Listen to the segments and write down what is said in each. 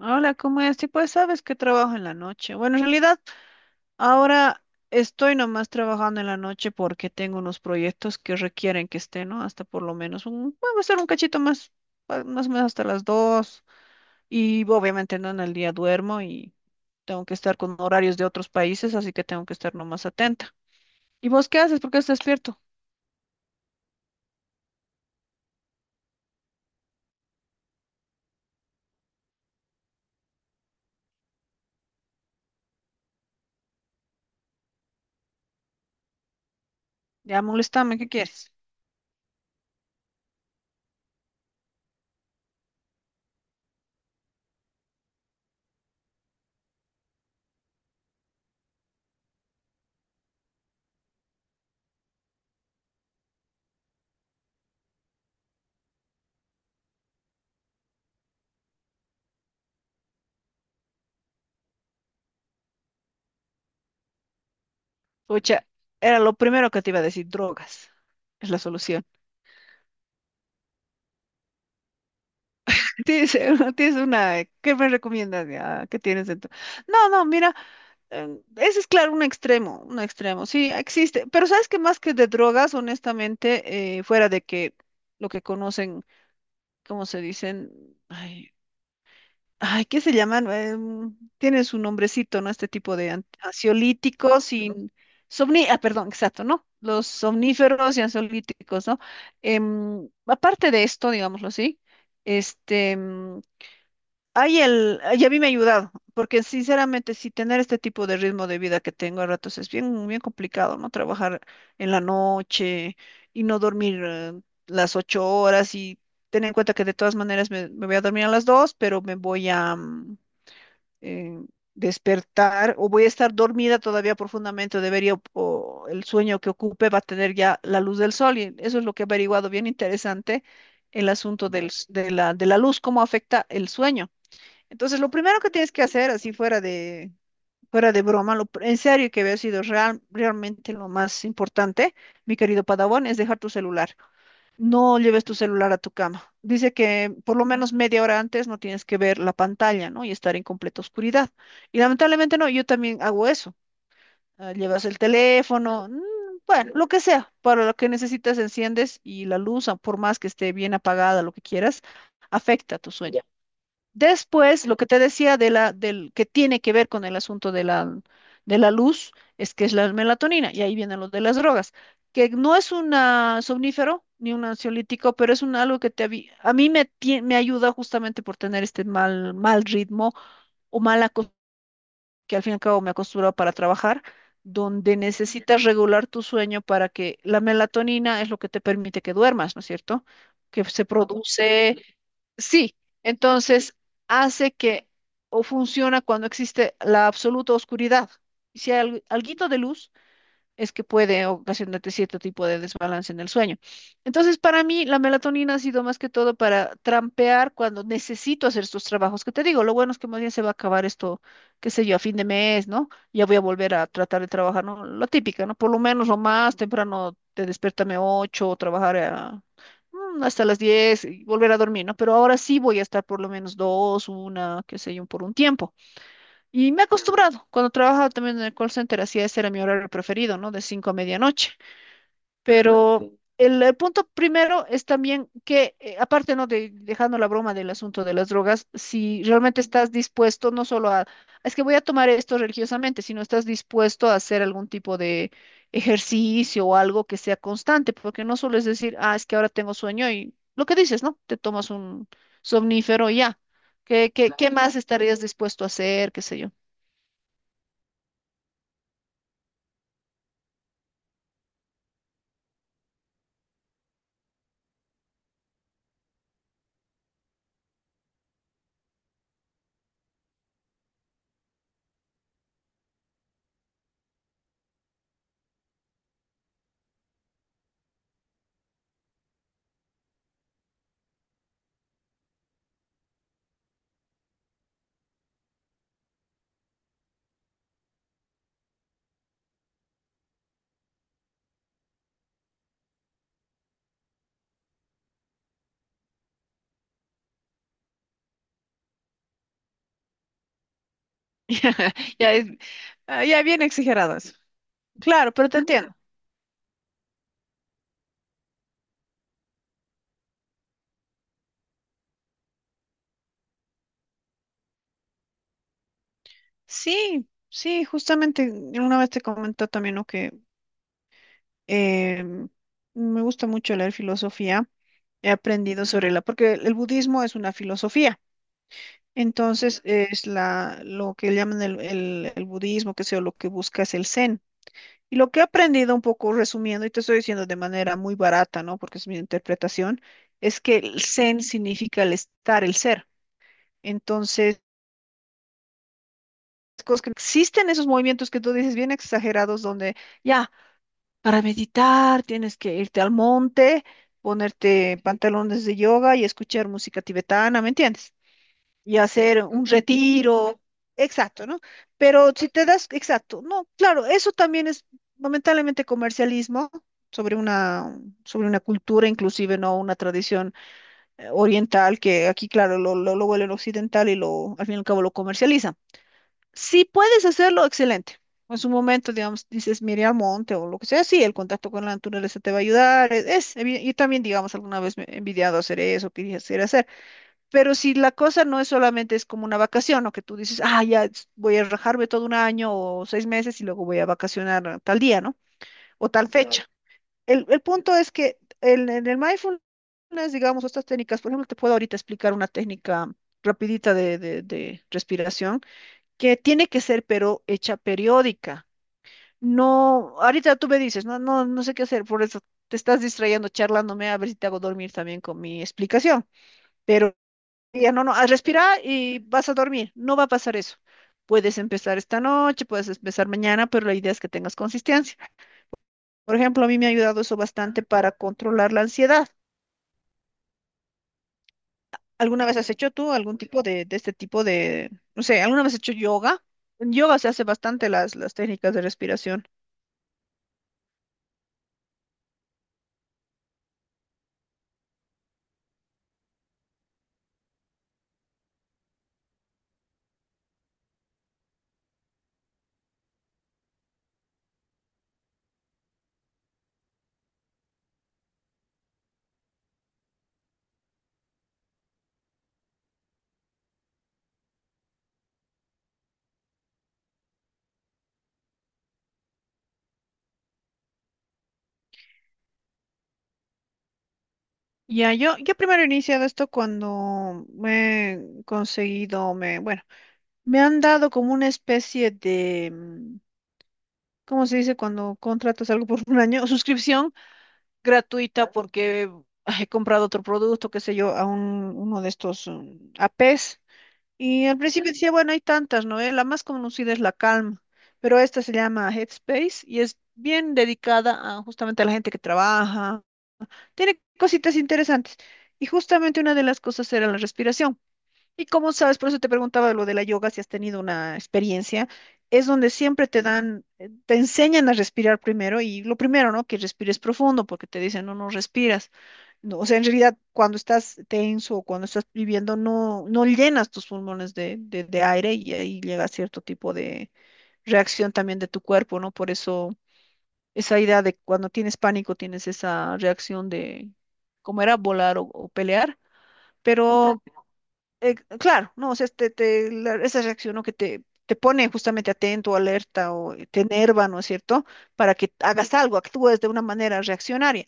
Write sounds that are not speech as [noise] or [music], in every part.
Hola, ¿cómo es? Sí, pues sabes que trabajo en la noche. Bueno, en realidad ahora estoy nomás trabajando en la noche porque tengo unos proyectos que requieren que esté, ¿no? Hasta por lo menos un, bueno, va a ser un cachito más, más o menos hasta las dos. Y obviamente no en el día duermo y tengo que estar con horarios de otros países, así que tengo que estar nomás atenta. ¿Y vos qué haces? ¿Por qué estás despierto? Ya molestame, ¿qué quieres? Pucha, era lo primero que te iba a decir, drogas. Es la solución. Tienes, [laughs] tienes una, ¿qué me recomiendas? ¿Ya? ¿Qué tienes dentro? No, no, mira, ese es claro, un extremo, sí, existe, pero sabes que más que de drogas, honestamente, fuera de que lo que conocen, ¿cómo se dicen? Ay, ay, ¿qué se llaman? Tienen su nombrecito, ¿no? Este tipo de ansiolíticos y ah, perdón, exacto, ¿no? Los somníferos y ansiolíticos, ¿no? Aparte de esto, digámoslo así, este... em, Ay, ay, a mí me ha ayudado, porque sinceramente, si tener este tipo de ritmo de vida que tengo a ratos es bien, bien complicado, ¿no? Trabajar en la noche y no dormir las 8 horas y tener en cuenta que de todas maneras me voy a dormir a las dos, pero me voy a eh, despertar o voy a estar dormida todavía profundamente, o debería, o el sueño que ocupe va a tener ya la luz del sol y eso es lo que he averiguado, bien interesante, el asunto del s- de la luz, cómo afecta el sueño. Entonces, lo primero que tienes que hacer, así fuera de broma, en serio que había sido realmente lo más importante, mi querido Padawan, es dejar tu celular. No lleves tu celular a tu cama. Dice que por lo menos media hora antes no tienes que ver la pantalla, ¿no? Y estar en completa oscuridad. Y lamentablemente no, yo también hago eso. Ah, llevas el teléfono, bueno, lo que sea, para lo que necesitas enciendes y la luz, ah, por más que esté bien apagada, lo que quieras, afecta tu sueño. Después, lo que te decía de la, del que tiene que ver con el asunto de la luz, es que es la melatonina, y ahí viene lo de las drogas, que no es un somnífero ni un ansiolítico, pero es un algo que a mí me ayuda justamente por tener este mal, mal ritmo o mala costumbre, que al fin y al cabo me acostumbro para trabajar, donde necesitas regular tu sueño para que la melatonina es lo que te permite que duermas, ¿no es cierto? Que se produce. Sí, entonces hace que o funciona cuando existe la absoluta oscuridad. Si hay algo, alguito de luz, es que puede ocasionarte cierto tipo de desbalance en el sueño. Entonces, para mí, la melatonina ha sido más que todo para trampear cuando necesito hacer estos trabajos que te digo. Lo bueno es que más bien se va a acabar esto, qué sé yo, a fin de mes, ¿no? Ya voy a volver a tratar de trabajar, ¿no? Lo típica, ¿no? Por lo menos lo más temprano te despertame 8 trabajar a, hasta las 10 y volver a dormir, ¿no? Pero ahora sí voy a estar por lo menos dos, una, qué sé yo, por un tiempo. Y me he acostumbrado, cuando trabajaba también en el call center, hacía ese era mi horario preferido, ¿no? De 5 a medianoche. Pero el punto primero es también que, aparte, ¿no? De, dejando la broma del asunto de las drogas, si realmente estás dispuesto no solo a, es que voy a tomar esto religiosamente, sino estás dispuesto a hacer algún tipo de ejercicio o algo que sea constante, porque no solo es decir, ah, es que ahora tengo sueño y lo que dices, ¿no? Te tomas un somnífero y ya. ¿Qué, qué, qué más estarías dispuesto a hacer? ¿Qué sé yo? [laughs] Ya, ya es, ah, ya bien exageradas. Claro, pero te entiendo. Sí, sí, justamente una vez te comentó también, ¿no? Que eh, me gusta mucho leer filosofía. He aprendido sobre la, porque el budismo es una filosofía. Entonces es la, lo que llaman el budismo, que sea, lo que busca es el zen. Y lo que he aprendido un poco resumiendo, y te estoy diciendo de manera muy barata, ¿no? Porque es mi interpretación, es que el zen significa el estar, el ser. Entonces, cosas que existen esos movimientos que tú dices bien exagerados donde ya, para meditar tienes que irte al monte, ponerte pantalones de yoga y escuchar música tibetana, ¿me entiendes? Y hacer un retiro, exacto, ¿no? Pero si te das, exacto, no, claro, eso también es lamentablemente comercialismo sobre una, sobre una cultura inclusive, ¿no? Una tradición oriental que aquí, claro, lo vuelven occidental y lo, al fin y al cabo lo comercializan. Si puedes hacerlo, excelente. En su momento, digamos, dices, mire al monte o lo que sea, sí, el contacto con la naturaleza te va a ayudar. Es yo también, digamos, alguna vez me he envidiado hacer eso, quería hacer, hacer. Pero si la cosa no es solamente es como una vacación o que tú dices, ah, ya voy a rajarme todo un año o 6 meses y luego voy a vacacionar a tal día, ¿no? O tal Claro, fecha. El punto es que en el mindfulness, digamos, estas técnicas, por ejemplo, te puedo ahorita explicar una técnica rapidita de de respiración que tiene que ser, pero hecha periódica. No, ahorita tú me dices, no, no, no sé qué hacer, por eso te estás distrayendo, charlándome, a ver si te hago dormir también con mi explicación. Pero ya no, no, a respirar y vas a dormir, no va a pasar eso. Puedes empezar esta noche, puedes empezar mañana, pero la idea es que tengas consistencia. Por ejemplo, a mí me ha ayudado eso bastante para controlar la ansiedad. ¿Alguna vez has hecho tú algún tipo de este tipo de, no sé, alguna vez has hecho yoga? En yoga se hace bastante las técnicas de respiración. Ya, yo primero he iniciado esto cuando me he conseguido, me, bueno, me han dado como una especie de, ¿cómo se dice cuando contratas algo por [laughs] un año? Suscripción gratuita porque [laughs] ah, he comprado otro producto, qué sé yo, a un, uno de estos APs. Y al principio decía, bueno, hay tantas, ¿no? La más conocida es la Calm, pero esta se llama Headspace y es bien dedicada a, justamente a la gente que trabaja tiene cositas interesantes. Y justamente una de las cosas era la respiración. Y como sabes, por eso te preguntaba lo de la yoga, si has tenido una experiencia, es donde siempre te dan, te enseñan a respirar primero y lo primero, ¿no? Que respires profundo porque te dicen, no, no respiras. No, o sea, en realidad, cuando estás tenso o cuando estás viviendo, no, no llenas tus pulmones de, de aire y ahí llega cierto tipo de reacción también de tu cuerpo, ¿no? Por eso esa idea de cuando tienes pánico, tienes esa reacción de, ¿cómo era? Volar o pelear. Pero, claro, no, o sea, esa reacción, ¿no? Que te pone justamente atento, alerta o te enerva, ¿no es cierto? Para que hagas algo, actúes de una manera reaccionaria.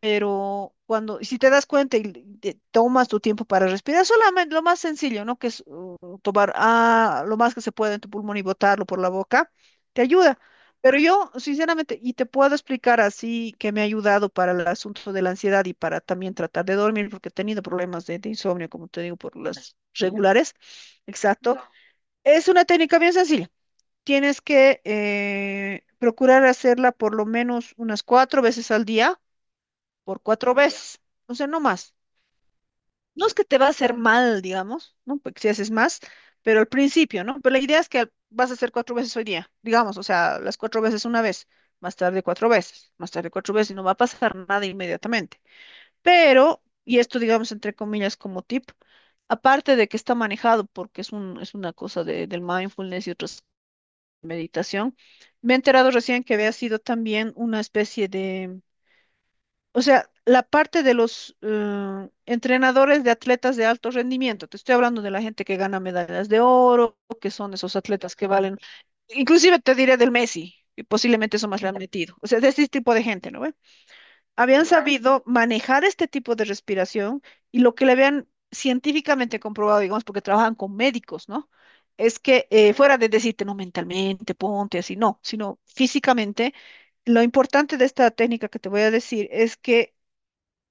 Pero cuando, si te das cuenta y te tomas tu tiempo para respirar, solamente lo más sencillo, ¿no? Que es tomar ah, lo más que se puede en tu pulmón y botarlo por la boca, te ayuda. Pero yo, sinceramente, y te puedo explicar así que me ha ayudado para el asunto de la ansiedad y para también tratar de dormir, porque he tenido problemas de insomnio, como te digo, por las regulares. Exacto. Ya. Es una técnica bien sencilla. Tienes que procurar hacerla por lo menos unas 4 veces al día por 4 veces, o sea, no más. No es que te va a hacer mal, digamos, ¿no? Porque si haces más, pero al principio, ¿no? Pero la idea es que vas a hacer 4 veces hoy día, digamos, o sea, las 4 veces una vez, más tarde 4 veces, más tarde 4 veces, y no va a pasar nada inmediatamente. Pero, y esto, digamos, entre comillas, como tip, aparte de que está manejado porque es una cosa del mindfulness y otras meditación, me he enterado recién que había sido también una especie de. O sea, la parte de los entrenadores de atletas de alto rendimiento, te estoy hablando de la gente que gana medallas de oro, que son esos atletas que valen, inclusive te diré del Messi, que posiblemente eso más le han metido, o sea, de ese tipo de gente, ¿no ve? Habían sabido manejar este tipo de respiración y lo que le habían científicamente comprobado, digamos, porque trabajan con médicos, ¿no? Es que fuera de decirte, no mentalmente, ponte así, no, sino físicamente. Lo importante de esta técnica que te voy a decir es que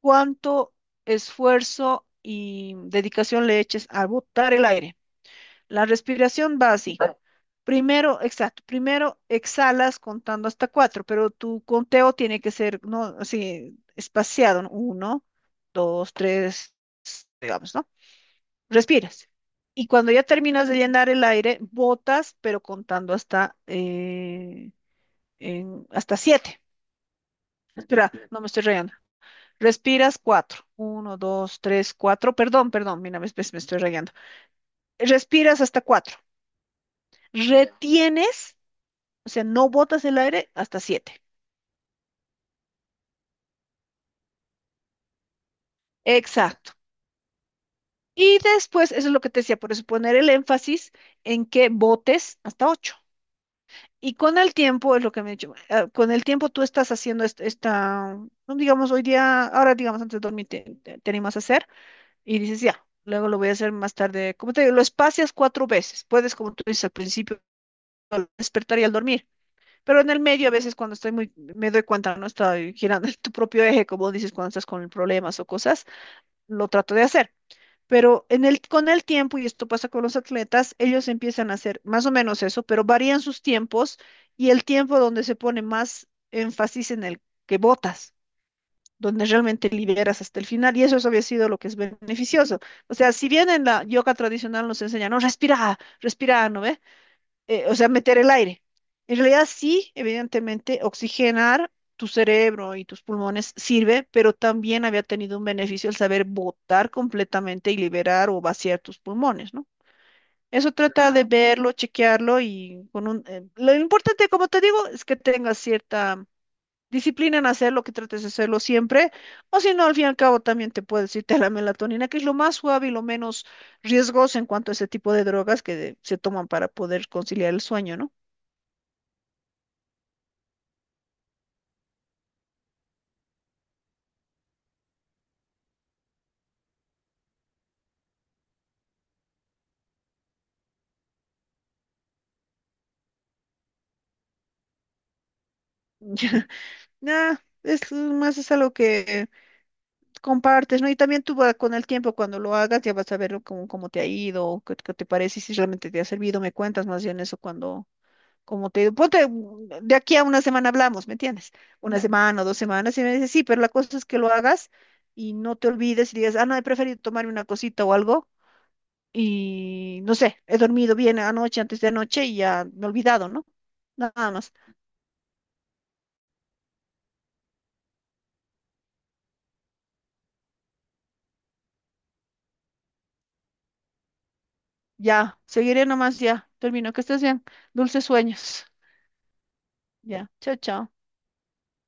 cuánto esfuerzo y dedicación le eches a botar el aire. La respiración va así. Primero, exacto, primero exhalas contando hasta cuatro, pero tu conteo tiene que ser, ¿no? Así, espaciado, ¿no? Uno, dos, tres, digamos, ¿no? Respiras. Y cuando ya terminas de llenar el aire, botas, pero contando hasta siete. Espera, no me estoy rayando. Respiras cuatro. Uno, dos, tres, cuatro. Perdón, perdón, mira, me estoy rayando. Respiras hasta cuatro. Retienes, o sea, no botas el aire hasta siete. Exacto. Y después, eso es lo que te decía, por eso poner el énfasis en que botes hasta ocho. Y con el tiempo, es lo que me he dicho, con el tiempo tú estás haciendo esta, no digamos hoy día, ahora digamos antes de dormir te animas a hacer y dices ya, luego lo voy a hacer más tarde, como te digo, lo espacias cuatro veces, puedes como tú dices al principio al despertar y al dormir. Pero en el medio, a veces cuando estoy muy, me doy cuenta, no estoy girando en tu propio eje, como dices, cuando estás con problemas o cosas, lo trato de hacer. Pero con el tiempo, y esto pasa con los atletas, ellos empiezan a hacer más o menos eso, pero varían sus tiempos y el tiempo donde se pone más énfasis en el que botas, donde realmente liberas hasta el final, y eso había sido lo que es beneficioso. O sea, si bien en la yoga tradicional nos enseñan, no, respira, respira, ¿no ve? O sea, meter el aire. En realidad sí, evidentemente, oxigenar tu cerebro y tus pulmones sirve, pero también había tenido un beneficio el saber botar completamente y liberar o vaciar tus pulmones, ¿no? Eso trata de verlo, chequearlo y con un... lo importante, como te digo, es que tengas cierta disciplina en hacerlo, que trates de hacerlo siempre, o si no, al fin y al cabo también te puedes irte a la melatonina, que es lo más suave y lo menos riesgoso en cuanto a ese tipo de drogas que se toman para poder conciliar el sueño, ¿no? [laughs] Ya, nah, es más es algo que compartes, ¿no? Y también con el tiempo, cuando lo hagas, ya vas a ver cómo, cómo te ha ido, qué te parece, y si realmente te ha servido, me cuentas más bien eso cuando, cómo te ha ido. Ponte, de aquí a una semana hablamos, ¿me entiendes? Una semana o dos semanas, y me dices, sí, pero la cosa es que lo hagas y no te olvides y digas, ah, no, he preferido tomarme una cosita o algo. Y no sé, he dormido bien anoche, antes de anoche y ya me he olvidado, ¿no? Nada más. Ya, seguiré nomás, ya. Termino. Que estés bien. Dulces sueños. Ya. Chao, chao.